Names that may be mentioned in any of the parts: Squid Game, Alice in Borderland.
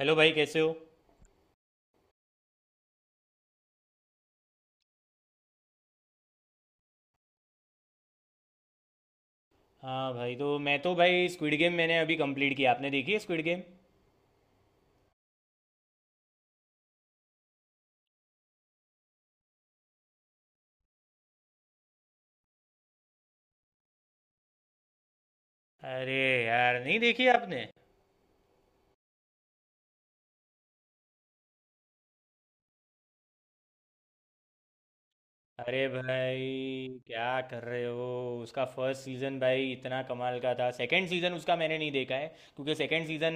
Hello भाई कैसे हो। हाँ भाई, तो मैं तो भाई स्क्विड गेम मैंने अभी कंप्लीट किया। आपने देखी है स्क्विड गेम? अरे यार, नहीं देखी आपने? अरे भाई, क्या कर रहे हो, उसका फर्स्ट सीज़न भाई इतना कमाल का था। सेकंड सीज़न उसका मैंने नहीं देखा है क्योंकि सेकंड सीज़न,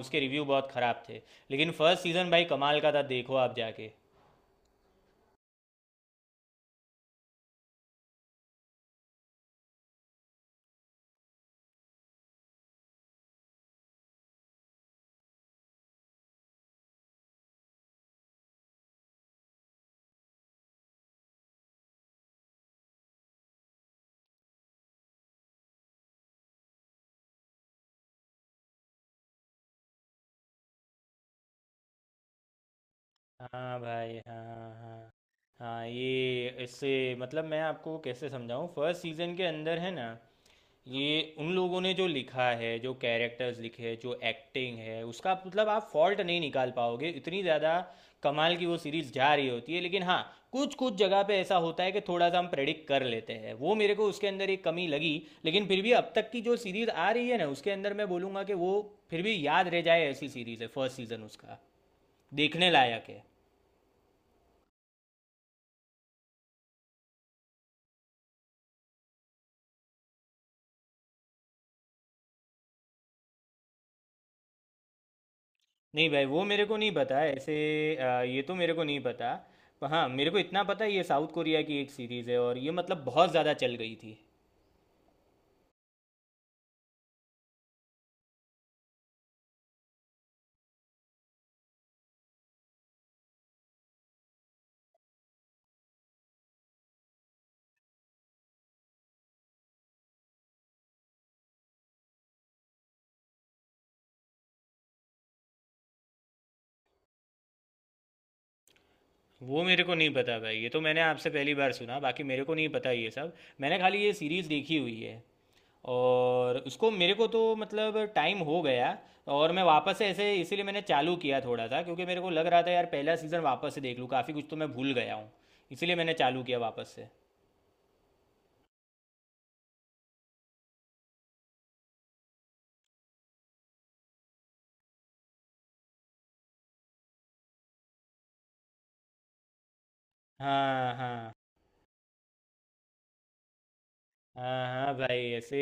उसके रिव्यू बहुत ख़राब थे। लेकिन फर्स्ट सीज़न भाई कमाल का था, देखो आप जाके। हाँ भाई, हाँ हाँ। हाँ, ये इससे, मतलब मैं आपको कैसे समझाऊँ, फर्स्ट सीजन के अंदर है ना ये, उन लोगों ने जो लिखा है, जो कैरेक्टर्स लिखे हैं, जो एक्टिंग है उसका, मतलब आप फॉल्ट नहीं निकाल पाओगे इतनी ज़्यादा। कमाल की वो सीरीज़ जा रही होती है, लेकिन हाँ, कुछ कुछ जगह पे ऐसा होता है कि थोड़ा सा हम प्रेडिक्ट कर लेते हैं, वो मेरे को उसके अंदर एक कमी लगी। लेकिन फिर भी अब तक की जो सीरीज़ आ रही है ना, उसके अंदर मैं बोलूँगा कि वो फिर भी याद रह जाए, ऐसी सीरीज़ है। फर्स्ट सीज़न उसका देखने लायक है। नहीं भाई, वो मेरे को नहीं पता ऐसे। ये तो मेरे को नहीं पता। पर हाँ, मेरे को इतना पता है ये साउथ कोरिया की एक सीरीज़ है, और ये मतलब बहुत ज़्यादा चल गई थी। वो मेरे को नहीं पता भाई, ये तो मैंने आपसे पहली बार सुना। बाकी मेरे को नहीं पता ये सब। मैंने खाली ये सीरीज़ देखी हुई है, और उसको मेरे को तो मतलब टाइम हो गया। और मैं वापस से ऐसे इसीलिए मैंने चालू किया थोड़ा सा, क्योंकि मेरे को लग रहा था यार पहला सीज़न वापस से देख लूँ, काफ़ी कुछ तो मैं भूल गया हूँ। इसीलिए मैंने चालू किया वापस से। हाँ हाँ। हाँ हाँ भाई, ऐसे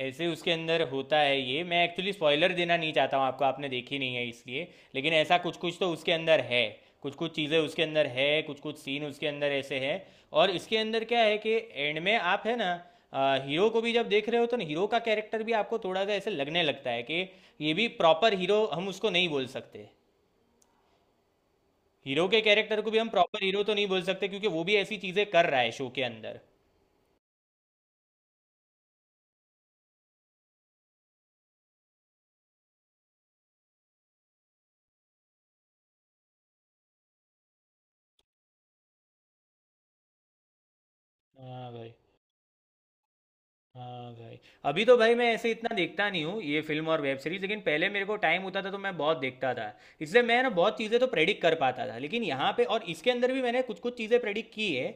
ऐसे उसके अंदर होता है। ये मैं एक्चुअली स्पॉइलर देना नहीं चाहता हूँ आपको, आपने देखी नहीं है इसलिए। लेकिन ऐसा कुछ कुछ तो उसके अंदर है। कुछ कुछ चीज़ें उसके अंदर है, कुछ कुछ सीन उसके अंदर ऐसे हैं। और इसके अंदर क्या है कि एंड में आप है ना, हीरो को भी जब देख रहे हो तो ना, हीरो का कैरेक्टर भी आपको थोड़ा सा ऐसे लगने लगता है कि ये भी प्रॉपर हीरो हम उसको नहीं बोल सकते। हीरो के कैरेक्टर को भी हम प्रॉपर हीरो तो नहीं बोल सकते, क्योंकि वो भी ऐसी चीज़ें कर रहा है शो के अंदर। हाँ भाई, हाँ भाई। अभी तो भाई मैं ऐसे इतना देखता नहीं हूँ ये फिल्म और वेब सीरीज, लेकिन पहले मेरे को टाइम होता था तो मैं बहुत देखता था। इसलिए मैं ना बहुत चीज़ें तो प्रेडिक्ट कर पाता था, लेकिन यहाँ पे और इसके अंदर भी मैंने कुछ कुछ चीज़ें प्रेडिक्ट की है।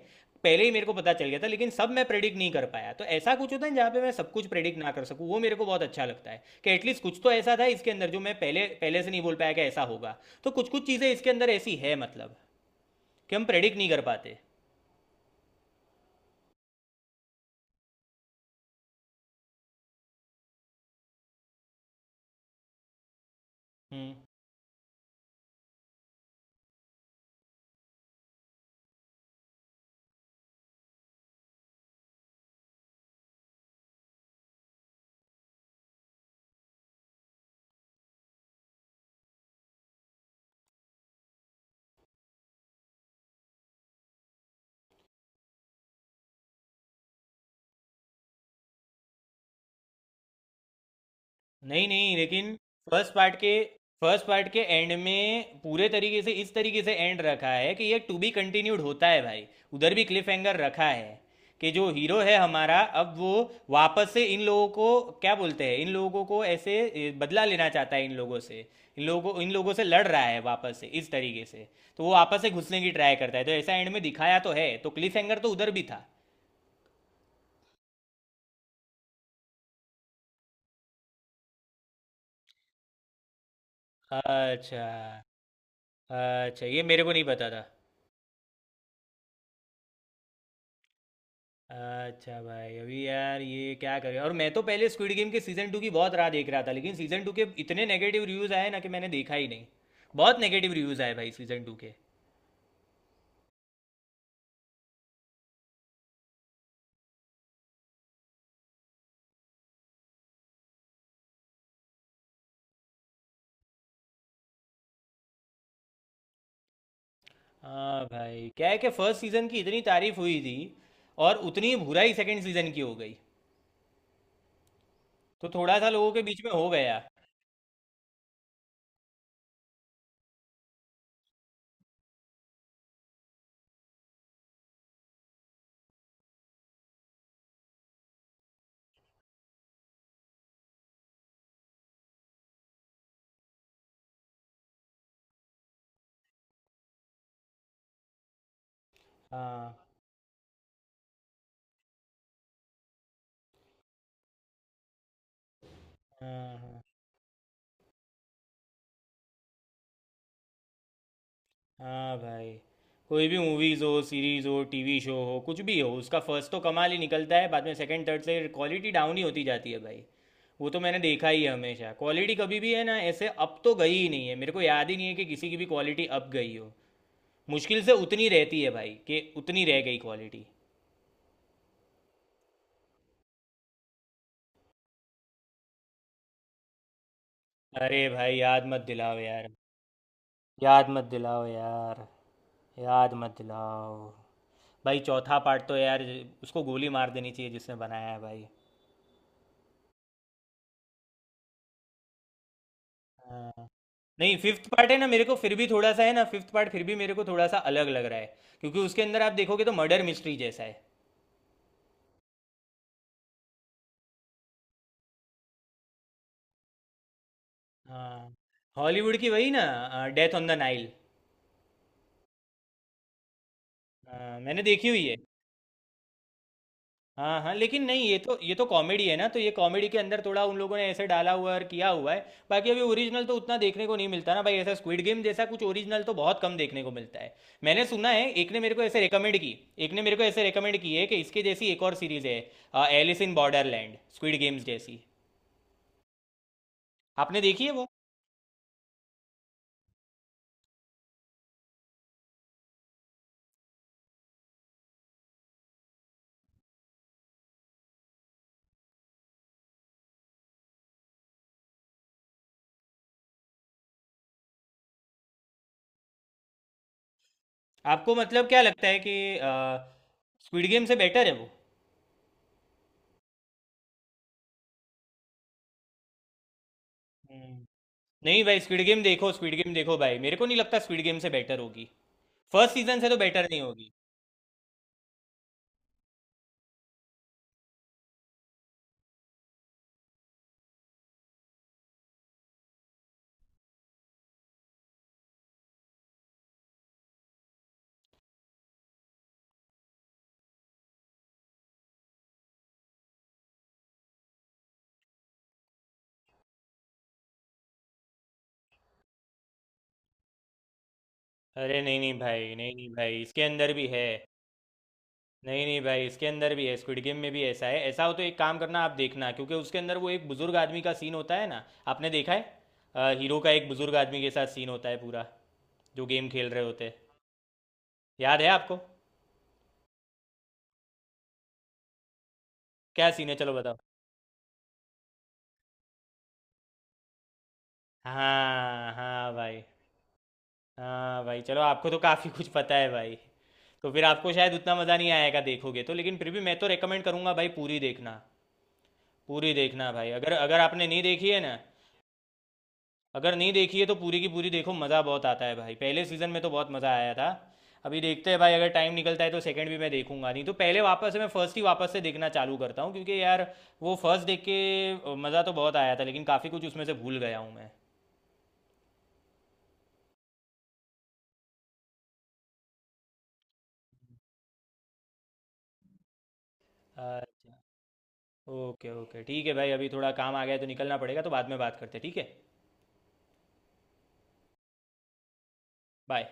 पहले ही मेरे को पता चल गया था, लेकिन सब मैं प्रेडिक्ट नहीं कर पाया। तो ऐसा कुछ होता है जहाँ पे मैं सब कुछ प्रेडिक्ट ना कर सकूँ, वो मेरे को बहुत अच्छा लगता है कि एटलीस्ट कुछ तो ऐसा था इसके अंदर जो मैं पहले पहले से नहीं बोल पाया कि ऐसा होगा। तो कुछ कुछ चीज़ें इसके अंदर ऐसी है, मतलब कि हम प्रेडिक्ट नहीं कर पाते। हम्म नहीं नहीं, लेकिन फर्स्ट पार्ट के फर्स्ट पार्ट के एंड में पूरे तरीके से इस तरीके से एंड रखा है कि ये टू बी कंटिन्यूड होता है भाई। उधर भी क्लिफ हैंगर रखा है कि जो हीरो है हमारा, अब वो वापस से इन लोगों को, क्या बोलते हैं इन लोगों को, ऐसे बदला लेना चाहता है इन लोगों से। इन लोगों को, इन लोगों से लड़ रहा है वापस से इस तरीके से। तो वो वापस से घुसने की ट्राई करता है, तो ऐसा एंड में दिखाया तो है, तो क्लिफ हैंगर तो उधर भी था। अच्छा अच्छा, ये मेरे को नहीं पता था। अच्छा भाई, अभी यार ये क्या करें, और मैं तो पहले स्क्विड गेम के सीज़न टू की बहुत राह देख रहा था, लेकिन सीज़न टू के इतने नेगेटिव रिव्यूज़ आए ना कि मैंने देखा ही नहीं। बहुत नेगेटिव रिव्यूज़ आए भाई सीज़न टू के। हाँ भाई, क्या है कि फर्स्ट सीज़न की इतनी तारीफ हुई थी, और उतनी ही बुराई सेकंड सीज़न की हो गई, तो थोड़ा सा लोगों के बीच में हो गया। हाँ हाँ। हाँ हाँ भाई, कोई भी मूवीज़ हो, सीरीज़ हो, टीवी शो हो, कुछ भी हो, उसका फर्स्ट तो कमाल ही निकलता है, बाद में सेकंड थर्ड से क्वालिटी डाउन ही होती जाती है भाई। वो तो मैंने देखा ही है, हमेशा क्वालिटी कभी भी है ना ऐसे अप तो गई ही नहीं है। मेरे को याद ही नहीं है कि किसी की भी क्वालिटी अप गई हो। मुश्किल से उतनी रहती है भाई, कि उतनी रह गई क्वालिटी। अरे भाई, याद मत दिलाओ यार। याद मत दिलाओ यार, याद मत दिलाओ। भाई चौथा पार्ट तो यार, उसको गोली मार देनी चाहिए जिसने बनाया है भाई। हाँ। नहीं, फिफ्थ पार्ट है ना, मेरे को फिर भी थोड़ा सा है ना, फिफ्थ पार्ट फिर भी मेरे को थोड़ा सा अलग लग रहा है, क्योंकि उसके अंदर आप देखोगे तो मर्डर मिस्ट्री जैसा है। हाँ, हॉलीवुड की वही ना, डेथ ऑन द नाइल। मैंने देखी हुई है। हाँ हाँ, लेकिन नहीं, ये तो कॉमेडी है ना, तो ये कॉमेडी के अंदर थोड़ा उन लोगों ने ऐसे डाला हुआ और किया हुआ है। बाकी अभी ओरिजिनल तो उतना देखने को नहीं मिलता ना भाई, ऐसा स्क्विड गेम जैसा कुछ ओरिजिनल तो बहुत कम देखने को मिलता है। मैंने सुना है, एक ने मेरे को ऐसे रेकमेंड की है कि इसके जैसी एक और सीरीज है, Alice in Borderland, squid games जैसी। आपने देखी है वो? आपको मतलब क्या लगता है कि स्क्विड गेम से बेटर है वो? हम्म। नहीं भाई, स्क्विड गेम देखो, स्क्विड गेम देखो भाई, मेरे को नहीं लगता स्क्विड गेम से बेटर होगी। फर्स्ट सीजन से तो बेटर नहीं होगी। अरे नहीं नहीं भाई, नहीं नहीं भाई, इसके अंदर भी है। नहीं नहीं भाई, इसके अंदर भी है, स्क्विड गेम में भी ऐसा है। ऐसा हो तो एक काम करना, आप देखना, क्योंकि उसके अंदर वो एक बुजुर्ग आदमी का सीन होता है ना, आपने देखा है? हीरो का एक बुजुर्ग आदमी के साथ सीन होता है पूरा, जो गेम खेल रहे होते हैं, याद है आपको? क्या सीन है चलो बताओ। हाँ हाँ भाई। हाँ भाई चलो, आपको तो काफ़ी कुछ पता है भाई। तो फिर आपको शायद उतना मज़ा नहीं आएगा देखोगे तो, लेकिन फिर भी मैं तो रेकमेंड करूंगा भाई, पूरी देखना। पूरी देखना भाई, अगर अगर आपने नहीं देखी है ना, अगर नहीं देखी है तो पूरी की पूरी देखो, मज़ा बहुत आता है भाई। पहले सीज़न में तो बहुत मज़ा आया था। अभी देखते हैं भाई, अगर टाइम निकलता है तो सेकंड भी मैं देखूंगा, नहीं तो पहले वापस से मैं फर्स्ट ही वापस से देखना चालू करता हूँ, क्योंकि यार वो फर्स्ट देख के मज़ा तो बहुत आया था, लेकिन काफ़ी कुछ उसमें से भूल गया हूँ मैं। अच्छा, ओके ओके, ठीक है भाई, अभी थोड़ा काम आ गया है तो निकलना पड़ेगा, तो बाद में बात करते हैं ठीक है। बाय।